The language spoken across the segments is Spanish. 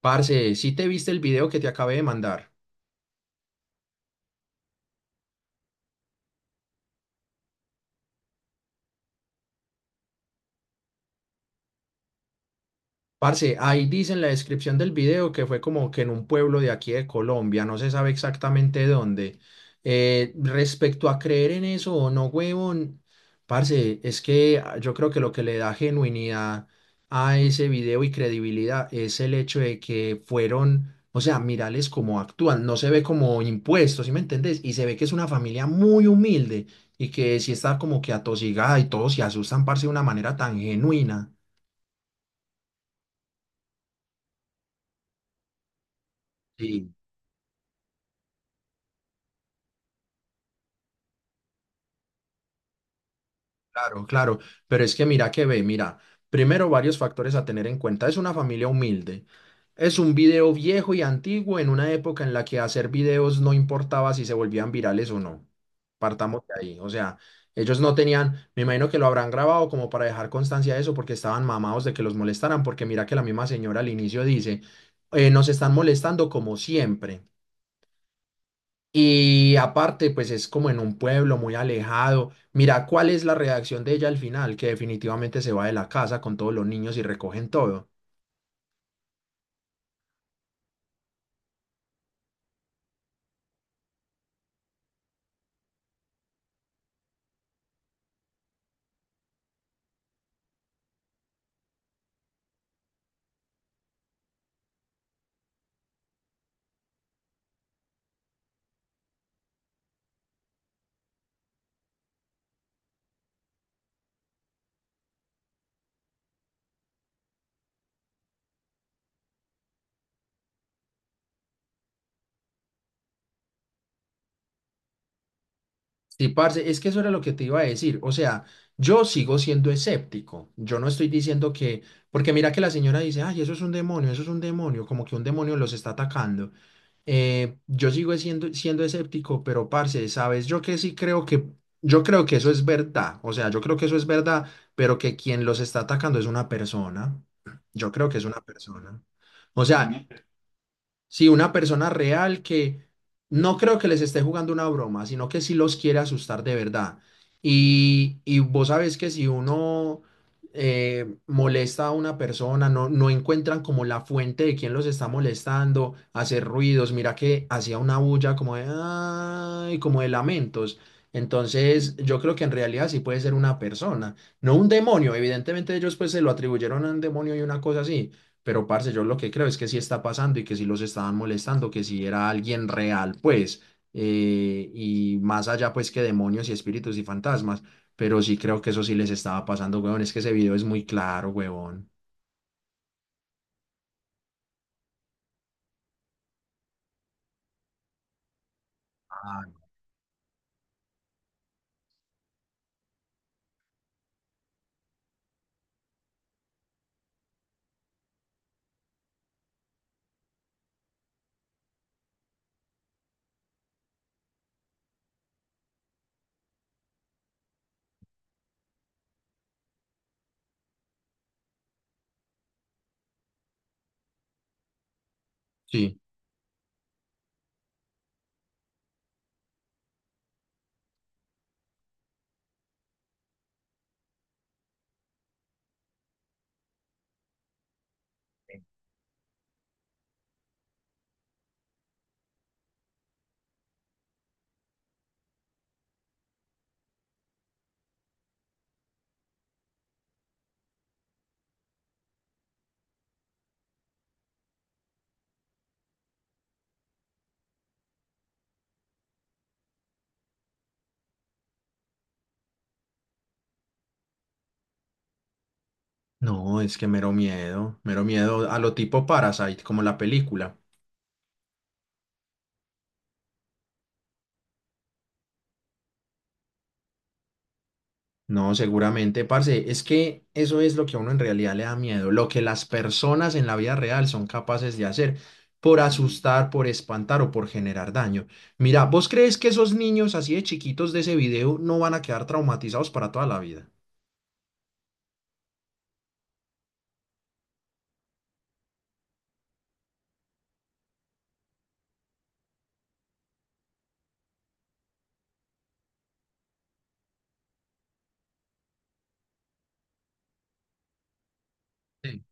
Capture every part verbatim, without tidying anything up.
Parce, ¿sí te viste el video que te acabé de mandar? Parce, ahí dice en la descripción del video que fue como que en un pueblo de aquí de Colombia, no se sabe exactamente dónde. Eh, respecto a creer en eso o no, huevón, parce, es que ah, yo creo que lo que le da genuinidad a ese video y credibilidad es el hecho de que fueron, o sea, mirales cómo actúan, no se ve como impuestos, ¿sí me entendés? Y se ve que es una familia muy humilde y que sí está como que atosigada y todos se asustan, parce, de una manera tan genuina. Sí. Claro, claro, pero es que mira que ve, mira, primero varios factores a tener en cuenta. Es una familia humilde. Es un video viejo y antiguo en una época en la que hacer videos no importaba si se volvían virales o no. Partamos de ahí. O sea, ellos no tenían, me imagino que lo habrán grabado como para dejar constancia de eso porque estaban mamados de que los molestaran, porque mira que la misma señora al inicio dice, eh, nos están molestando como siempre. Y aparte, pues es como en un pueblo muy alejado. Mira cuál es la reacción de ella al final, que definitivamente se va de la casa con todos los niños y recogen todo. Sí, parce, es que eso era lo que te iba a decir. O sea, yo sigo siendo escéptico. Yo no estoy diciendo que, porque mira que la señora dice, ay, eso es un demonio, eso es un demonio, como que un demonio los está atacando. Eh, yo sigo siendo, siendo escéptico, pero parce, sabes, yo que sí creo que, yo creo que eso es verdad. O sea, yo creo que eso es verdad, pero que quien los está atacando es una persona. Yo creo que es una persona. O sea, sí, una persona real que no creo que les esté jugando una broma, sino que sí los quiere asustar de verdad. Y, y vos sabes que si uno eh, molesta a una persona, no, no encuentran como la fuente de quién los está molestando, hacer ruidos, mira que hacía una bulla como de, "Ay", como de lamentos. Entonces, yo creo que en realidad sí puede ser una persona, no un demonio. Evidentemente ellos pues se lo atribuyeron a un demonio y una cosa así, pero, parce, yo lo que creo es que sí está pasando y que sí los estaban molestando, que sí era alguien real, pues, eh, y más allá, pues, que demonios y espíritus y fantasmas, pero sí creo que eso sí les estaba pasando, huevón, es que ese video es muy claro, huevón. Ah. Sí. No, es que mero miedo, mero miedo a lo tipo Parasite, como la película. No, seguramente, parce, es que eso es lo que a uno en realidad le da miedo, lo que las personas en la vida real son capaces de hacer por Mm. Asustar, por espantar o por generar daño. Mira, ¿vos crees que esos niños así de chiquitos de ese video no van a quedar traumatizados para toda la vida? Sí.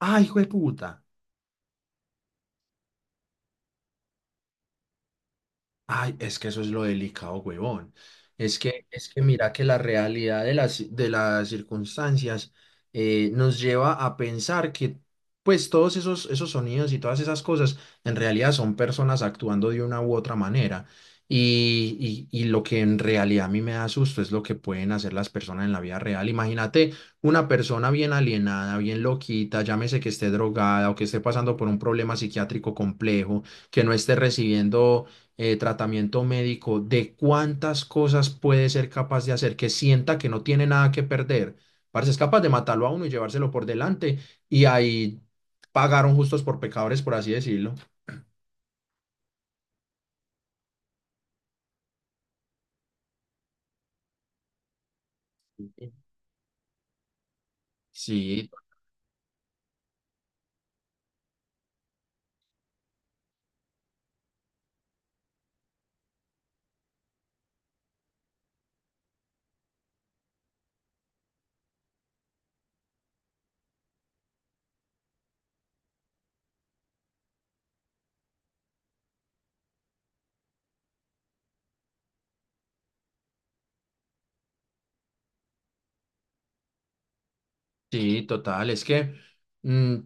Ay, hijo de puta. Ay, es que eso es lo delicado, huevón. Es que, es que mira que la realidad de las, de las circunstancias eh, nos lleva a pensar que pues todos esos, esos sonidos y todas esas cosas en realidad son personas actuando de una u otra manera. Y, y, y lo que en realidad a mí me da susto es lo que pueden hacer las personas en la vida real. Imagínate una persona bien alienada, bien loquita, llámese que esté drogada o que esté pasando por un problema psiquiátrico complejo, que no esté recibiendo eh, tratamiento médico, de cuántas cosas puede ser capaz de hacer, que sienta que no tiene nada que perder. Parce, es capaz de matarlo a uno y llevárselo por delante y ahí pagaron justos por pecadores, por así decirlo. Sí. Sí, total, es que mm,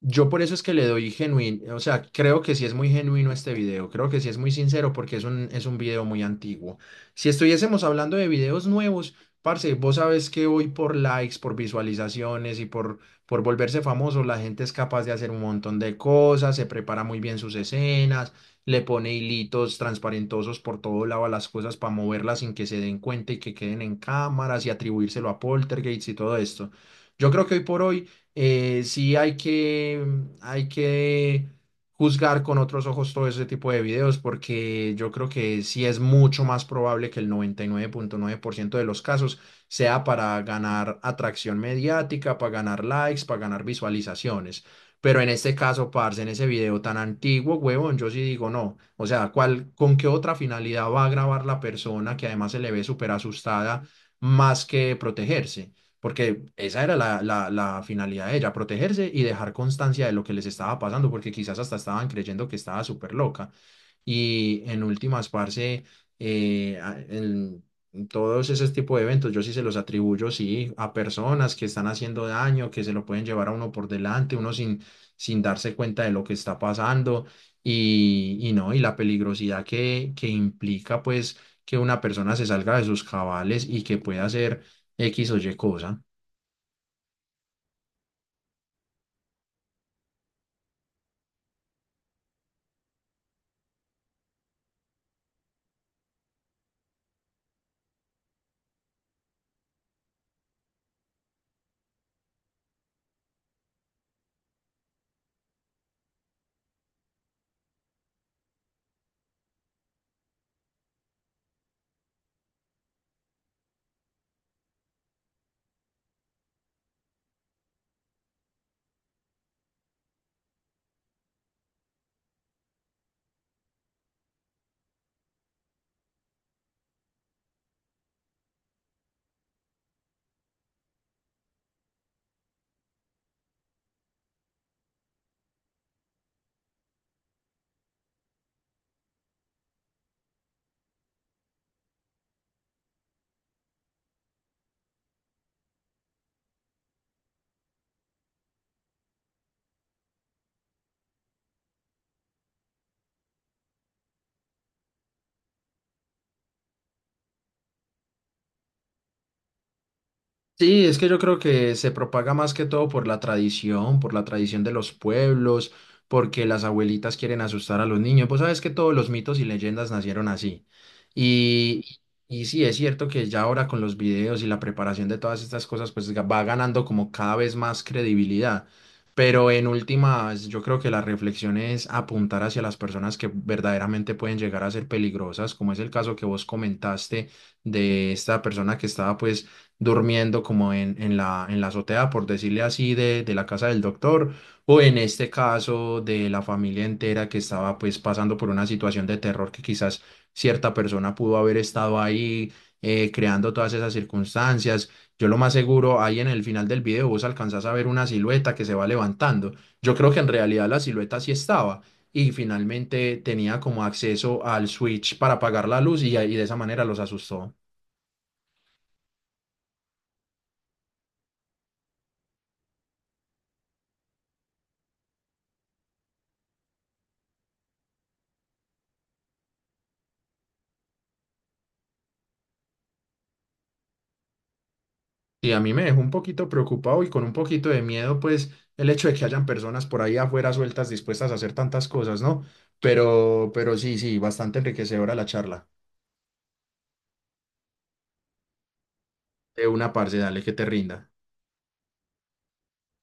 yo por eso es que le doy genuino, o sea, creo que sí es muy genuino este video, creo que sí es muy sincero porque es un, es un video muy antiguo. Si estuviésemos hablando de videos nuevos, parce, vos sabes que hoy por likes, por visualizaciones y por, por volverse famoso, la gente es capaz de hacer un montón de cosas, se prepara muy bien sus escenas, le pone hilitos transparentosos por todo lado a las cosas para moverlas sin que se den cuenta y que queden en cámaras y atribuírselo a poltergeist y todo esto. Yo creo que hoy por hoy eh, sí hay que, hay que juzgar con otros ojos todo ese tipo de videos porque yo creo que sí es mucho más probable que el noventa y nueve nueve punto nueve por ciento de los casos sea para ganar atracción mediática, para ganar likes, para ganar visualizaciones. Pero en este caso, parce, en ese video tan antiguo, huevón, yo sí digo no. O sea, ¿cuál, con qué otra finalidad va a grabar la persona que además se le ve súper asustada más que protegerse? Porque esa era la, la, la finalidad de ella, protegerse y dejar constancia de lo que les estaba pasando, porque quizás hasta estaban creyendo que estaba súper loca. Y en últimas, parce, eh, a- en todos esos tipos de eventos, yo sí se los atribuyo, sí, a personas que están haciendo daño, que se lo pueden llevar a uno por delante, uno sin, sin darse cuenta de lo que está pasando y, y no, y la peligrosidad que, que implica, pues, que una persona se salga de sus cabales y que pueda hacer X o Y cosa. Sí, es que yo creo que se propaga más que todo por la tradición, por la tradición de los pueblos, porque las abuelitas quieren asustar a los niños. Pues sabes que todos los mitos y leyendas nacieron así. Y, y sí, es cierto que ya ahora con los videos y la preparación de todas estas cosas, pues ga- va ganando como cada vez más credibilidad. Pero en últimas, yo creo que la reflexión es apuntar hacia las personas que verdaderamente pueden llegar a ser peligrosas, como es el caso que vos comentaste de esta persona que estaba pues durmiendo como en, en la, en la azotea, por decirle así, de, de la casa del doctor, o en este caso de la familia entera que estaba pues pasando por una situación de terror que quizás cierta persona pudo haber estado ahí eh, creando todas esas circunstancias. Yo lo más seguro, ahí en el final del video vos alcanzás a ver una silueta que se va levantando. Yo creo que en realidad la silueta sí estaba y finalmente tenía como acceso al switch para apagar la luz y, y de esa manera los asustó. Y a mí me dejó un poquito preocupado y con un poquito de miedo, pues, el hecho de que hayan personas por ahí afuera sueltas dispuestas a hacer tantas cosas, ¿no? Pero, pero sí, sí, bastante enriquecedora la charla. De una parce, dale que te rinda.